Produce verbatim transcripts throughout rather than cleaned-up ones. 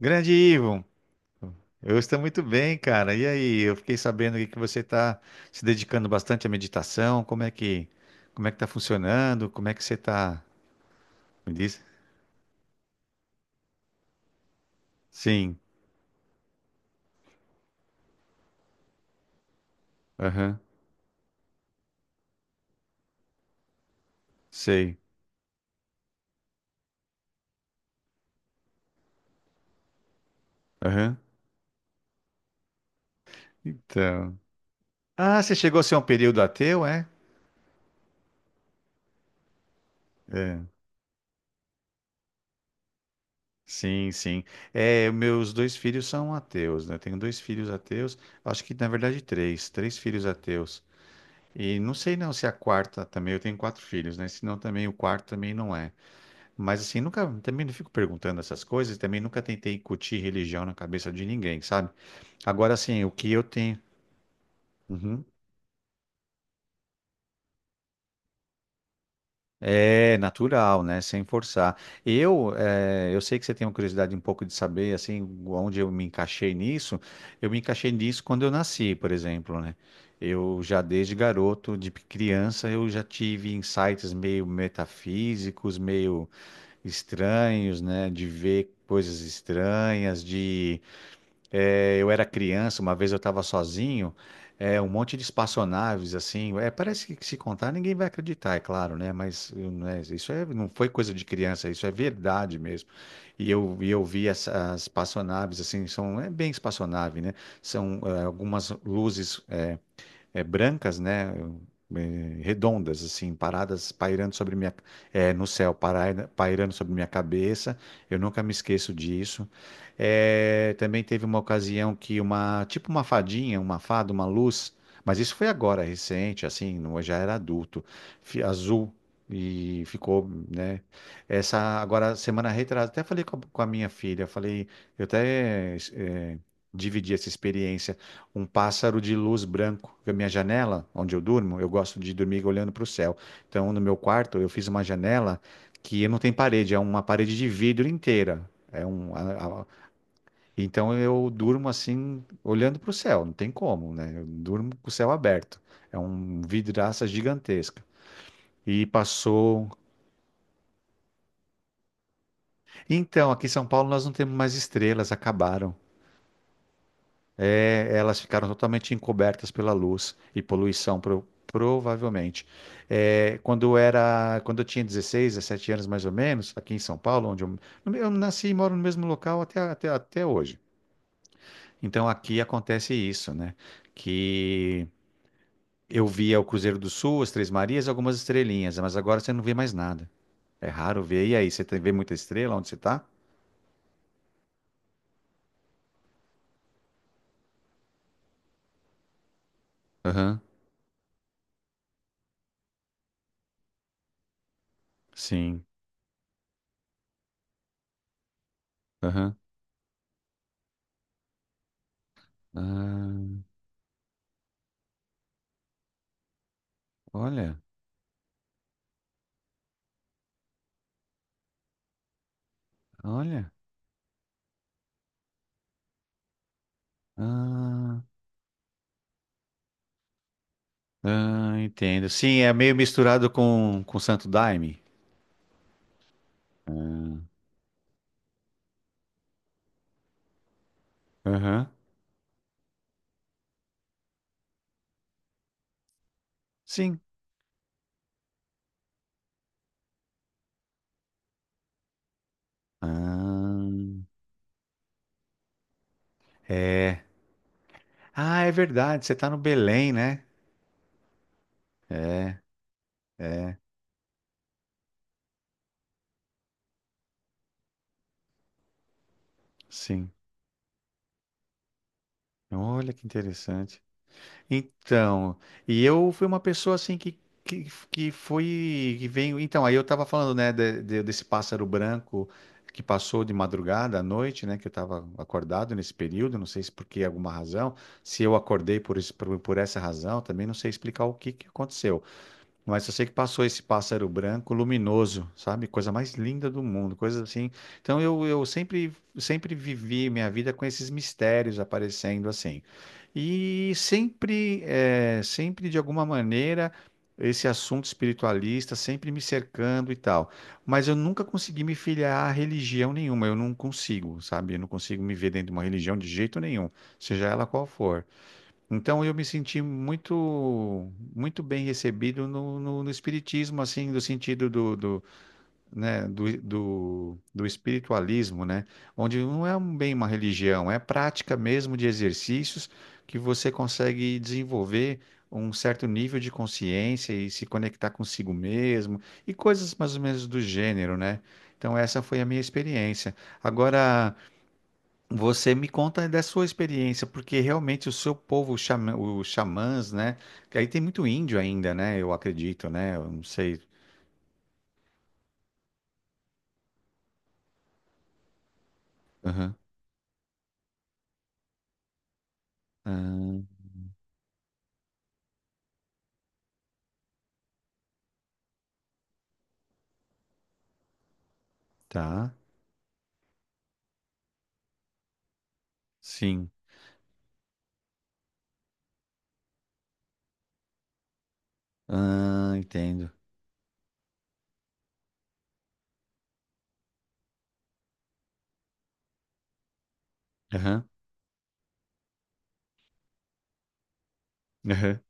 Grande Ivo, eu estou muito bem, cara. E aí, eu fiquei sabendo aí que você está se dedicando bastante à meditação. Como é que, como é que tá funcionando? Como é que você está? Me diz. Sim. Aham. Sei. Aham. Então. Ah, você chegou a ser um período ateu, é? É. Sim, sim. É, meus dois filhos são ateus, né? Tenho dois filhos ateus. Acho que na verdade três, três filhos ateus. E não sei não se a quarta também. Eu tenho quatro filhos, né? Se não também o quarto também não é. Mas assim, nunca, também não fico perguntando essas coisas, também nunca tentei incutir religião na cabeça de ninguém, sabe? Agora, assim, o que eu tenho. Uhum. É natural, né? Sem forçar. Eu, eh, eu sei que você tem uma curiosidade um pouco de saber, assim, onde eu me encaixei nisso. Eu me encaixei nisso quando eu nasci, por exemplo, né? Eu já desde garoto, de criança, eu já tive insights meio metafísicos, meio estranhos, né? De ver coisas estranhas, de. É, eu era criança, uma vez eu estava sozinho, é, um monte de espaçonaves, assim, é, parece que se contar ninguém vai acreditar, é claro, né? Mas eu, né, isso é, não foi coisa de criança, isso é verdade mesmo. E eu, e eu vi as, as espaçonaves, assim, são, é bem espaçonave, né? São é, algumas luzes, é, brancas, né? É, redondas, assim, paradas pairando sobre minha, é, no céu, parai- pairando sobre minha cabeça. Eu nunca me esqueço disso. É, também teve uma ocasião que uma, tipo uma fadinha, uma fada, uma luz, mas isso foi agora, recente, assim, não- eu já era adulto, fi- azul. E ficou, né? Essa agora semana retrasada, até falei com a, com a minha filha, eu falei, eu até eh, dividi essa experiência, um pássaro de luz branco. Porque a minha janela, onde eu durmo, eu gosto de dormir olhando para o céu. Então, no meu quarto, eu fiz uma janela que não tem parede, é uma parede de vidro inteira. É um, a- a- então eu durmo assim, olhando para o céu, não tem como, né? Eu durmo com o céu aberto. É um vidraça gigantesca. E passou. Então, aqui em São Paulo nós não temos mais estrelas, acabaram. É, elas ficaram totalmente encobertas pela luz e poluição, pro- provavelmente. É, quando era, quando eu tinha dezesseis dezessete anos mais ou menos, aqui em São Paulo, onde eu, eu nasci e moro no mesmo local até, até, até hoje. Então aqui acontece isso, né? Que eu via o Cruzeiro do Sul, as Três Marias, algumas estrelinhas, mas agora você não vê mais nada. É raro ver. E aí, você tem- vê muita estrela onde você tá? Aham, sim. Aham. Ah, olha, olha. Ah. Ah, entendo. Sim, é meio misturado com, com Santo Daime. Ah, aham. Sim. Ah, é. Ah, é verdade. Você tá no Belém, né? É, é. Sim. Olha que interessante. Então, e eu fui uma pessoa assim que, que, que foi, que veio. Então, aí eu estava falando, né, de- de- desse pássaro branco que passou de madrugada à noite, né, que eu estava acordado nesse período, não sei se por que alguma razão, se eu acordei por, esse- por, por essa razão, também não sei explicar o que, que aconteceu. Mas eu sei que passou esse pássaro branco luminoso, sabe? Coisa mais linda do mundo, coisa assim. Então eu, eu sempre, sempre vivi minha vida com esses mistérios aparecendo assim. E sempre, eh, sempre de alguma maneira, esse assunto espiritualista sempre me cercando e tal. Mas eu nunca consegui me filiar a religião nenhuma, eu não consigo, sabe? Eu não consigo me ver dentro de uma religião de jeito nenhum, seja ela qual for. Então eu me senti muito muito bem recebido no, no, no espiritismo, assim, do sentido do, do, né, do, do, do espiritualismo, né? Onde não é um- bem uma religião, é prática mesmo de exercícios que você consegue desenvolver um certo nível de consciência e se conectar consigo mesmo e coisas mais ou menos do gênero, né? Então essa foi a minha experiência. Agora você me conta da sua experiência, porque realmente o seu povo, os xamã- os xamãs, né? Que aí tem muito índio ainda, né? Eu acredito, né? Eu não sei. Aham. Ah, tá. Sim. Ah, entendo. Aham. Aham.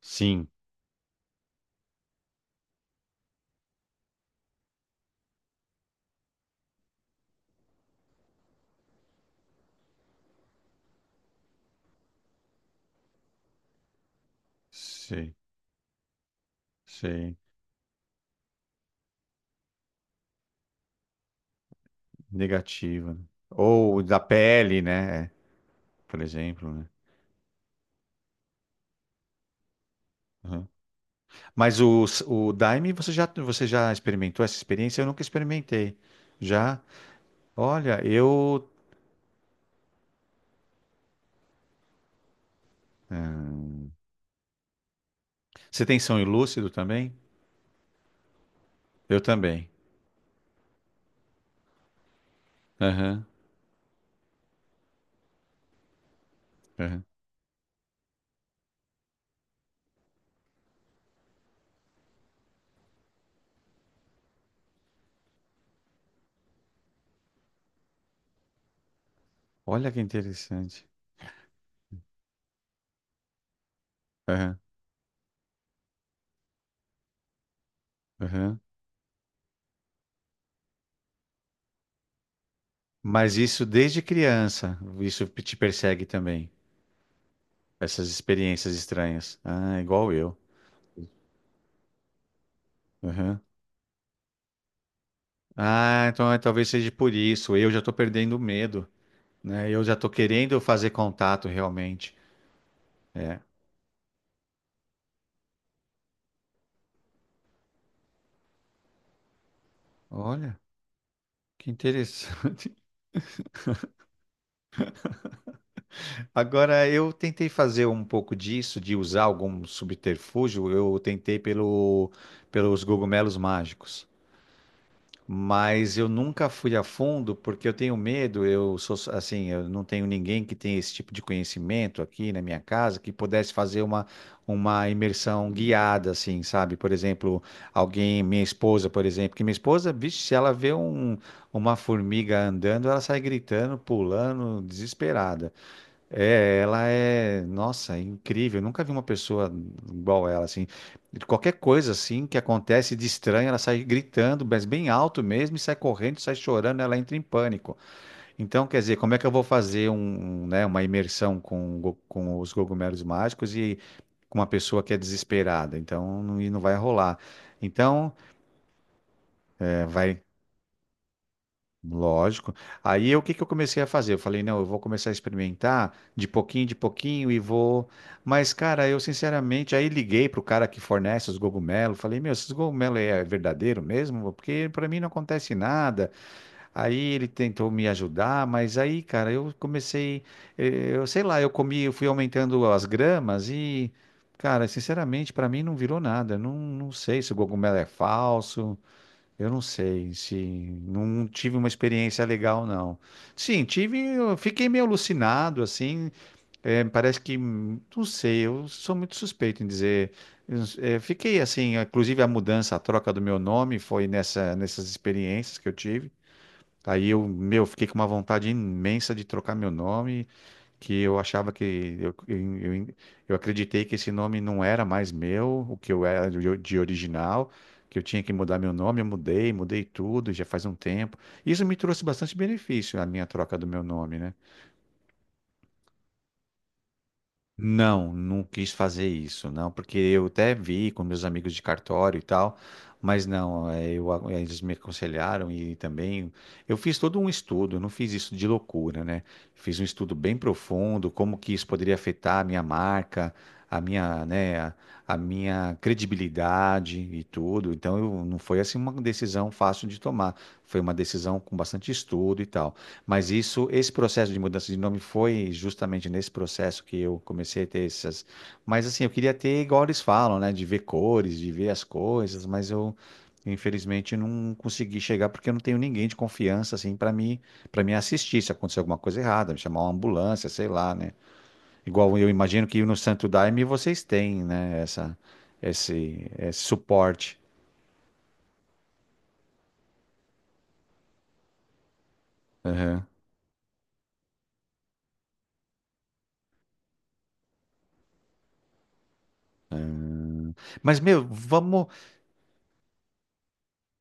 Sim. Sei. Sei. Negativa, né? Ou da pele, né? É, por exemplo, né? Aham. Mas o, o Daime, você já, você já experimentou essa experiência? Eu nunca experimentei. Já? Olha, eu. Você tem sonho lúcido também? Eu também. Aham, aham. Olha que interessante. Aham, aham. Mas isso desde criança, isso te persegue também, essas experiências estranhas. Ah, igual eu. Aham. Ah, então é, talvez seja por isso. Eu já estou perdendo o medo, né? Eu já estou querendo fazer contato realmente. É. Olha, que interessante. Agora, eu tentei fazer um pouco disso, de usar algum subterfúgio. Eu tentei pelo, pelos cogumelos mágicos, mas eu nunca fui a fundo porque eu tenho medo. Eu sou assim, eu não tenho ninguém que tenha esse tipo de conhecimento aqui na minha casa que pudesse fazer uma, uma imersão guiada, assim, sabe? Por exemplo, alguém, minha esposa, por exemplo, que minha esposa, vixe, se ela vê um, uma formiga andando, ela sai gritando, pulando, desesperada. É, ela é, nossa, é incrível. Eu nunca vi uma pessoa igual ela, assim. Qualquer coisa, assim, que acontece de estranho, ela sai gritando, mas bem alto mesmo, e sai correndo, sai chorando, ela entra em pânico. Então, quer dizer, como é que eu vou fazer, um, um, né, uma imersão com, go- com os cogumelos mágicos e com uma pessoa que é desesperada? Então, não, e não vai rolar. Então, lógico. Aí o que que eu comecei a fazer? Eu falei, não, eu vou começar a experimentar de pouquinho, de pouquinho e vou. Mas, cara, eu sinceramente aí liguei pro cara que fornece os cogumelos, falei, meu, esses cogumelos é verdadeiro mesmo? Porque para mim não acontece nada. Aí ele tentou me ajudar, mas aí, cara, eu comecei, eh, eu sei lá, eu comi, eu fui aumentando as gramas e, cara, sinceramente, para mim não virou nada. Não, não sei se o cogumelo é falso. Eu não sei se não tive uma experiência legal, não. Sim, tive, eu fiquei meio alucinado, assim. É, parece que, hum, não sei, eu sou muito suspeito em dizer. Eu, é, fiquei assim, inclusive a mudança, a troca do meu nome foi nessa, nessas experiências que eu tive. Aí eu, meu, fiquei com uma vontade imensa de trocar meu nome que eu achava que eu, eu, eu, eu acreditei que esse nome não era mais meu, o que eu era de de original, que eu tinha que mudar meu nome, eu mudei, mudei tudo, já faz um tempo. Isso me trouxe bastante benefício, a minha troca do meu nome, né? Não, não quis fazer isso, não, porque eu até vi com meus amigos de cartório e tal, mas não, é, eu, eles me aconselharam e também eu fiz todo um estudo, eu não fiz isso de loucura, né? Fiz um estudo bem profundo, como que isso poderia afetar a minha marca, a minha, né, a, a minha credibilidade e tudo. Então, eu, não foi assim uma decisão fácil de tomar, foi uma decisão com bastante estudo e tal. Mas isso, esse processo de mudança de nome foi justamente nesse processo que eu comecei a ter essas. Mas assim, eu queria ter igual eles falam, né? De ver cores, de ver as coisas, mas eu infelizmente não consegui chegar porque eu não tenho ninguém de confiança assim para mim para me assistir se acontecer alguma coisa errada, me chamar uma ambulância, sei lá, né? Igual eu imagino que no Santo Daime vocês têm, né? Essa esse, esse suporte. Mas, meu, vamos.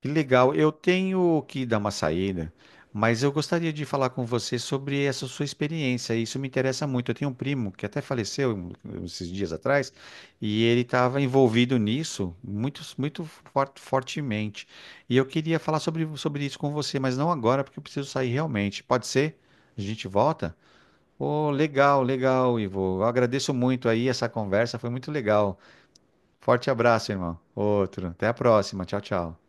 Que legal. Eu tenho que dar uma saída, mas eu gostaria de falar com você sobre essa sua experiência. Isso me interessa muito. Eu tenho um primo que até faleceu um- esses dias atrás e ele estava envolvido nisso muito, muito for- fortemente. E eu queria falar sobre, sobre isso com você, mas não agora, porque eu preciso sair realmente. Pode ser? A gente volta? Oh, legal, legal, Ivo. Eu agradeço muito aí essa conversa, foi muito legal. Forte abraço, irmão. Outro. Até a próxima. Tchau, tchau.